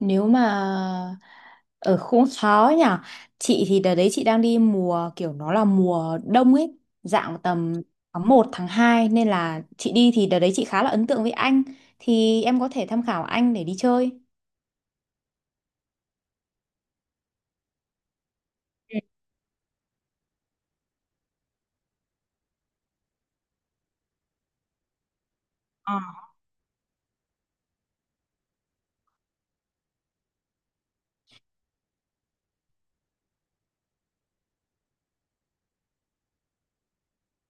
Nếu mà ở cũng khó nhỉ. Chị thì đợt đấy chị đang đi mùa kiểu nó là mùa đông ấy, dạng tầm tháng 1 tháng 2 nên là chị đi thì đợt đấy chị khá là ấn tượng với anh. Thì em có thể tham khảo anh để đi chơi.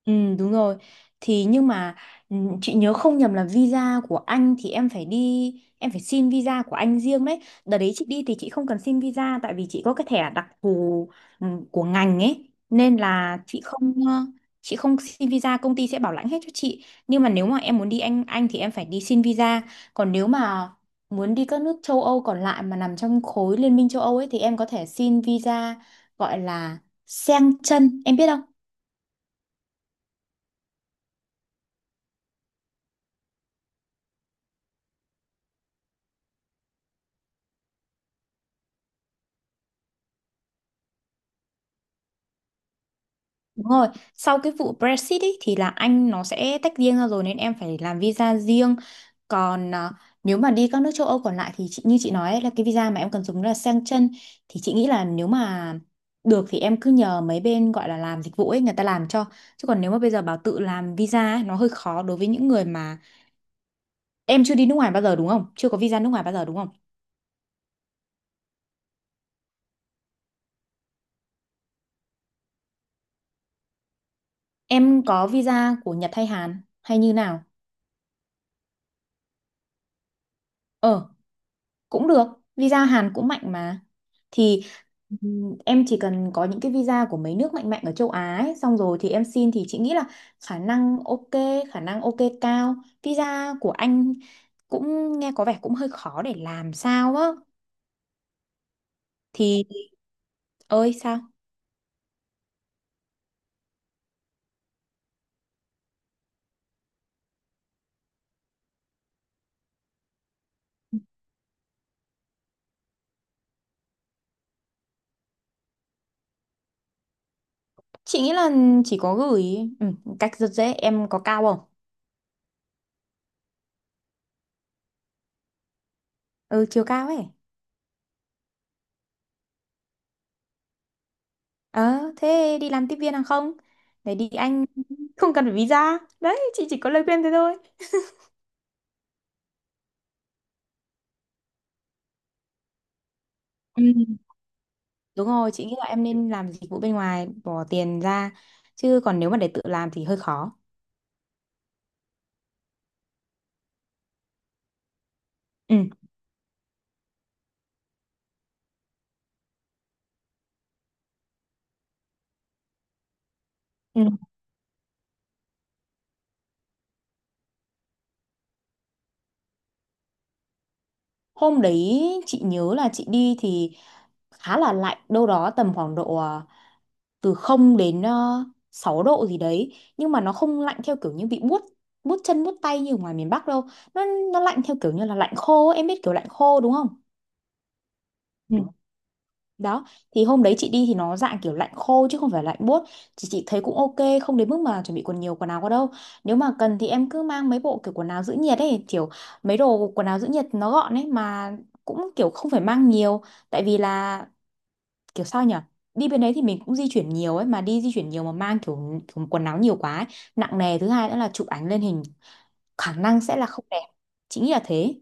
Ừ, đúng rồi. Thì nhưng mà ừ, chị nhớ không nhầm là visa của anh thì em phải đi em phải xin visa của anh riêng đấy. Đợt đấy chị đi thì chị không cần xin visa tại vì chị có cái thẻ đặc thù, của ngành ấy nên là chị không xin visa, công ty sẽ bảo lãnh hết cho chị. Nhưng mà nếu mà em muốn đi anh thì em phải đi xin visa. Còn nếu mà muốn đi các nước châu Âu còn lại mà nằm trong khối Liên minh châu Âu ấy thì em có thể xin visa gọi là Schengen, em biết không? Đúng rồi, sau cái vụ Brexit ý, thì là Anh nó sẽ tách riêng ra rồi nên em phải làm visa riêng. Còn nếu mà đi các nước châu Âu còn lại thì chị, như chị nói ấy, là cái visa mà em cần dùng là Schengen, thì chị nghĩ là nếu mà được thì em cứ nhờ mấy bên gọi là làm dịch vụ ấy người ta làm cho. Chứ còn nếu mà bây giờ bảo tự làm visa ấy, nó hơi khó đối với những người mà em chưa đi nước ngoài bao giờ đúng không? Chưa có visa nước ngoài bao giờ đúng không? Em có visa của Nhật hay Hàn hay như nào? Ờ, cũng được, visa Hàn cũng mạnh mà. Thì em chỉ cần có những cái visa của mấy nước mạnh mạnh ở châu Á ấy, xong rồi thì em xin thì chị nghĩ là khả năng ok khả năng ok cao. Visa của anh cũng nghe có vẻ cũng hơi khó để làm sao á. Thì ơi sao, chị nghĩ là chỉ có gửi. ừ, cách rất dễ, em có cao không? Ừ, chiều cao ấy. Ờ, thế đi làm tiếp viên hàng không để đi Anh không cần phải visa đấy, chị chỉ có lời khuyên thế thôi. Ừ. Đúng rồi, chị nghĩ là em nên làm dịch vụ bên ngoài, bỏ tiền ra, chứ còn nếu mà để tự làm thì hơi khó. Ừ. Ừ. Hôm đấy chị nhớ là chị đi thì khá là lạnh, đâu đó tầm khoảng độ từ không đến 6 độ gì đấy, nhưng mà nó không lạnh theo kiểu như bị buốt, buốt chân buốt tay như ở ngoài miền Bắc đâu. Nó nó lạnh theo kiểu như là lạnh khô ấy. Em biết kiểu lạnh khô đúng không? Ừ. Đó, thì hôm đấy chị đi thì nó dạng kiểu lạnh khô chứ không phải lạnh buốt. Thì chị thấy cũng ok, không đến mức mà chuẩn bị quần nhiều quần áo quá đâu. Nếu mà cần thì em cứ mang mấy bộ kiểu quần áo giữ nhiệt ấy, kiểu mấy đồ quần áo giữ nhiệt nó gọn ấy mà cũng kiểu không phải mang nhiều. Tại vì là kiểu sao nhở, đi bên đấy thì mình cũng di chuyển nhiều ấy, mà đi di chuyển nhiều mà mang kiểu quần áo nhiều quá ấy. Nặng nề, thứ hai nữa là chụp ảnh lên hình khả năng sẽ là không đẹp. Chị nghĩ là thế.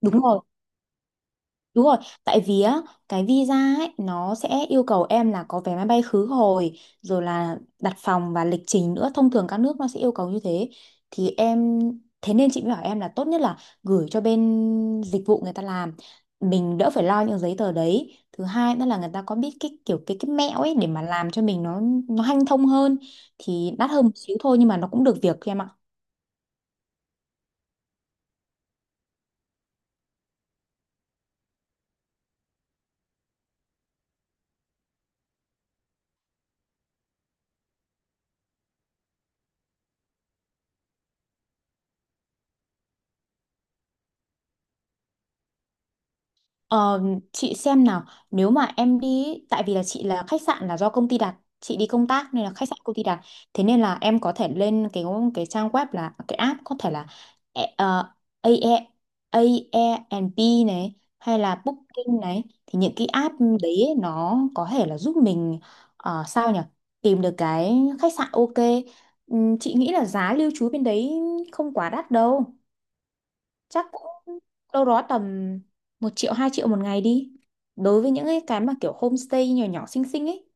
Đúng rồi. Đúng rồi, tại vì á, cái visa ấy, nó sẽ yêu cầu em là có vé máy bay khứ hồi, rồi là đặt phòng và lịch trình nữa. Thông thường các nước nó sẽ yêu cầu như thế. Thì em, thế nên chị mới bảo em là tốt nhất là gửi cho bên dịch vụ người ta làm. Mình đỡ phải lo những giấy tờ đấy. Thứ hai nữa là người ta có biết cái kiểu cái mẹo ấy để mà làm cho mình nó hanh thông hơn. Thì đắt hơn một xíu thôi nhưng mà nó cũng được việc em ạ. Ờ, chị xem nào, nếu mà em đi ý, tại vì là chị là khách sạn là do công ty đặt, chị đi công tác nên là khách sạn công ty đặt, thế nên là em có thể lên cái trang web là cái app, có thể là e- ờ, AE Airbnb này hay là Booking này, thì những cái app đấy ý, nó có thể là giúp mình, ờ, sao nhỉ tìm được cái khách sạn ok. Chị nghĩ là giá lưu trú bên đấy không quá đắt đâu, chắc cũng đâu đó tầm 1 triệu 2 triệu một ngày đi, đối với những cái mà kiểu homestay nhỏ nhỏ xinh xinh ấy.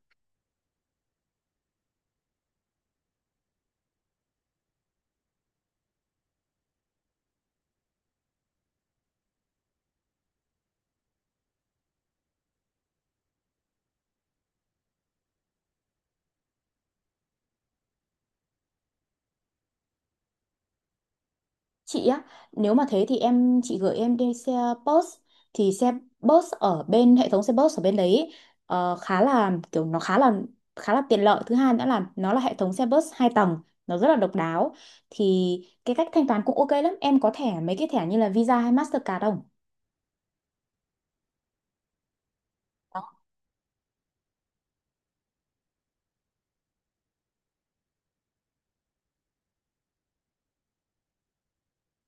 Chị á, nếu mà thế thì em chị gửi em đi xe bus, thì xe bus ở bên, hệ thống xe bus ở bên đấy ấy, ờ, khá là kiểu nó khá là tiện lợi. Thứ hai nữa là nó là hệ thống xe bus 2 tầng, nó rất là độc đáo. Thì cái cách thanh toán cũng ok lắm. Em có thẻ, mấy cái thẻ như là Visa hay Mastercard không?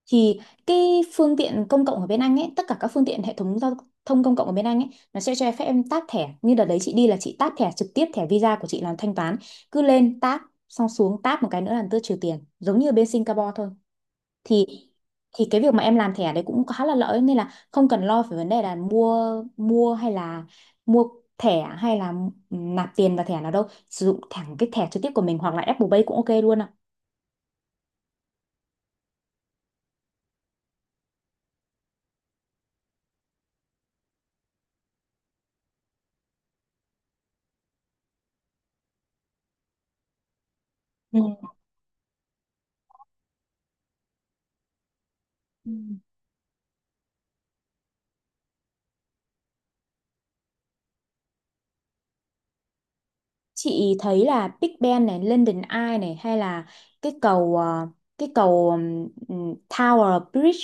Thì cái phương tiện công cộng ở bên Anh ấy, tất cả các phương tiện hệ thống giao thông công cộng ở bên Anh ấy, nó sẽ cho phép em tap thẻ. Như đợt đấy chị đi là chị tap thẻ trực tiếp, thẻ Visa của chị làm thanh toán, cứ lên tap, xong xuống tap một cái nữa là tự trừ tiền, giống như ở bên Singapore thôi. Thì thì cái việc mà em làm thẻ đấy cũng khá là lợi, nên là không cần lo về vấn đề là mua mua hay là mua thẻ hay là nạp tiền vào thẻ nào đâu, sử dụng thẳng cái thẻ trực tiếp của mình hoặc là Apple Pay cũng ok luôn ạ. Ừ. Chị thấy là Big Ben này, London Eye này hay là cái cầu, cái cầu, Tower Bridge,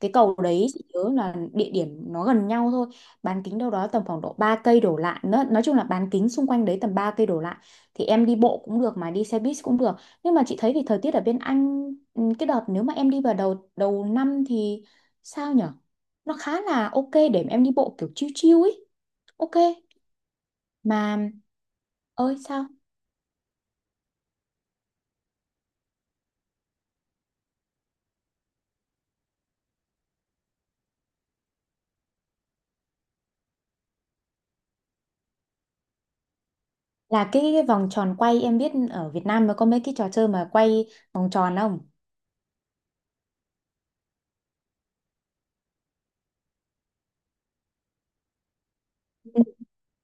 cái cầu đấy chị nhớ là địa điểm nó gần nhau thôi, bán kính đâu đó tầm khoảng độ 3 cây đổ lại, nó, nói chung là bán kính xung quanh đấy tầm 3 cây đổ lại, thì em đi bộ cũng được mà đi xe buýt cũng được. Nhưng mà chị thấy thì thời tiết ở bên Anh, cái đợt nếu mà em đi vào đầu đầu năm thì sao nhở, nó khá là ok để em đi bộ kiểu chill chill ấy, ok mà ơi sao. Là cái vòng tròn quay, em biết ở Việt Nam nó có mấy cái trò chơi mà quay vòng tròn không?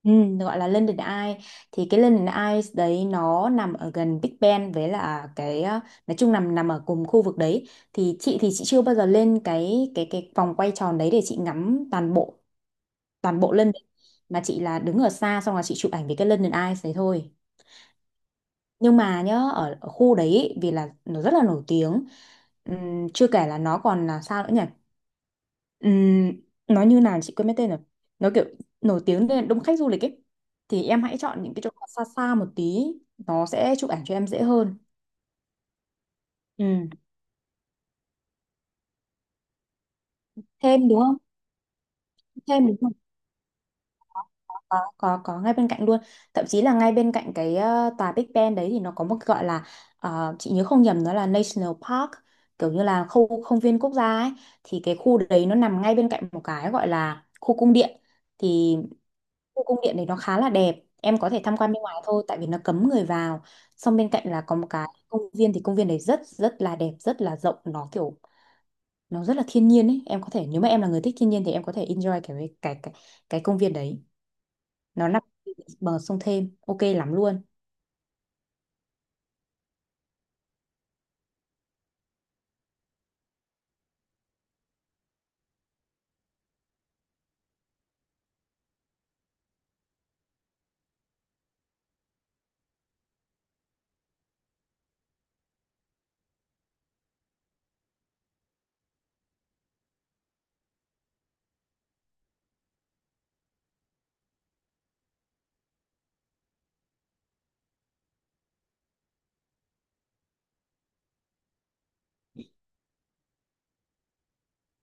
Ừ, gọi là London Eye, thì cái London Eye đấy nó nằm ở gần Big Ben với là cái, nói chung nằm nằm ở cùng khu vực đấy. Thì chị chưa bao giờ lên cái cái vòng quay tròn đấy để chị ngắm toàn bộ London, mà chị là đứng ở xa xong là chị chụp ảnh với cái London Eye đấy thôi. Nhưng mà nhớ ở, ở khu đấy ý, vì là nó rất là nổi tiếng. Chưa kể là nó còn là sao nữa nhỉ, ừm, nó như nào chị quên mất tên rồi, nó kiểu nổi tiếng nên đông khách du lịch ấy, thì em hãy chọn những cái chỗ xa xa một tí, nó sẽ chụp ảnh cho em dễ hơn. Ừ. Thêm đúng không? Thêm đúng, có ngay bên cạnh luôn, thậm chí là ngay bên cạnh cái, tòa Big Ben đấy, thì nó có một cái gọi là, chị nhớ không nhầm nó là National Park, kiểu như là khu công viên quốc gia ấy, thì cái khu đấy nó nằm ngay bên cạnh một cái gọi là khu cung điện. Thì khu cung điện này nó khá là đẹp, em có thể tham quan bên ngoài thôi tại vì nó cấm người vào. Xong bên cạnh là có một cái công viên, thì công viên này rất rất là đẹp, rất là rộng, nó kiểu nó rất là thiên nhiên ấy, em có thể, nếu mà em là người thích thiên nhiên thì em có thể enjoy cái cái cái công viên đấy, nó nằm bờ sông Thêm, ok lắm luôn.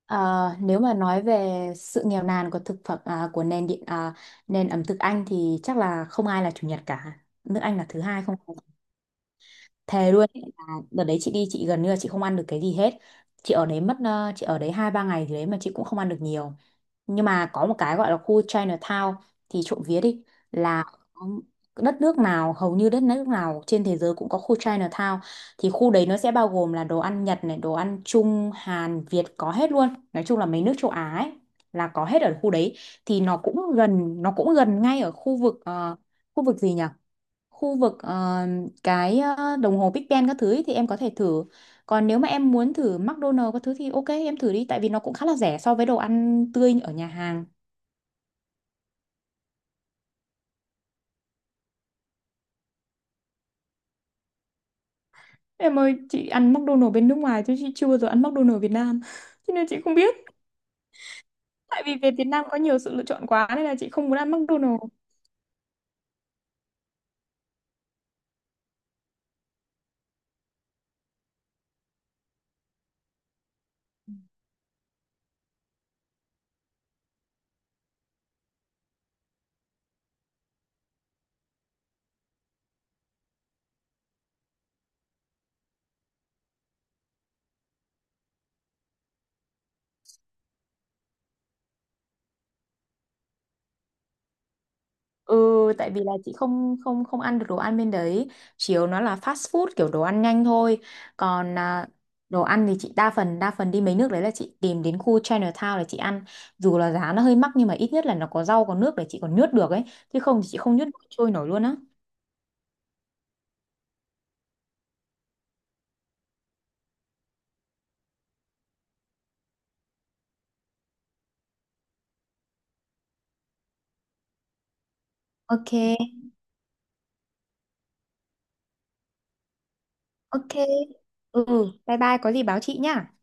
Ờ, nếu mà nói về sự nghèo nàn của thực phẩm à, của nền điện à, nền ẩm thực Anh thì chắc là không ai là chủ nhật cả, nước Anh là thứ hai không, thề luôn ấy. Là đợt đấy chị đi, chị gần như là chị không ăn được cái gì hết, chị ở đấy mất, chị ở đấy 2 3 ngày thì đấy mà chị cũng không ăn được nhiều. Nhưng mà có một cái gọi là khu Chinatown, thì trộm vía đi, là có, đất nước nào hầu như đất nước nào trên thế giới cũng có khu Chinatown. Thì khu đấy nó sẽ bao gồm là đồ ăn Nhật này, đồ ăn Trung, Hàn, Việt có hết luôn, nói chung là mấy nước châu Á ấy là có hết ở khu đấy. Thì nó cũng gần ngay ở khu vực, khu vực gì nhỉ, khu vực, cái, đồng hồ Big Ben các thứ ý, thì em có thể thử. Còn nếu mà em muốn thử McDonald's các thứ thì ok em thử đi tại vì nó cũng khá là rẻ so với đồ ăn tươi ở nhà hàng. Em ơi, chị ăn McDonald's bên nước ngoài chứ chị chưa bao giờ ăn McDonald's Việt Nam. Cho nên chị không biết. Tại vì về Việt Nam có nhiều sự lựa chọn quá nên là chị không muốn ăn McDonald's. Ừ, tại vì là chị không không không ăn được đồ ăn bên đấy, chiều nó là fast food kiểu đồ ăn nhanh thôi. Còn à, đồ ăn thì chị đa phần đi mấy nước đấy là chị tìm đến khu Chinatown để chị ăn. Dù là giá nó hơi mắc nhưng mà ít nhất là nó có rau có nước để chị còn nhướt được ấy, chứ không thì chị không nhướt nổi, trôi nổi luôn á. Ok, ok. Ừ, bye bye, có gì báo chị nhá.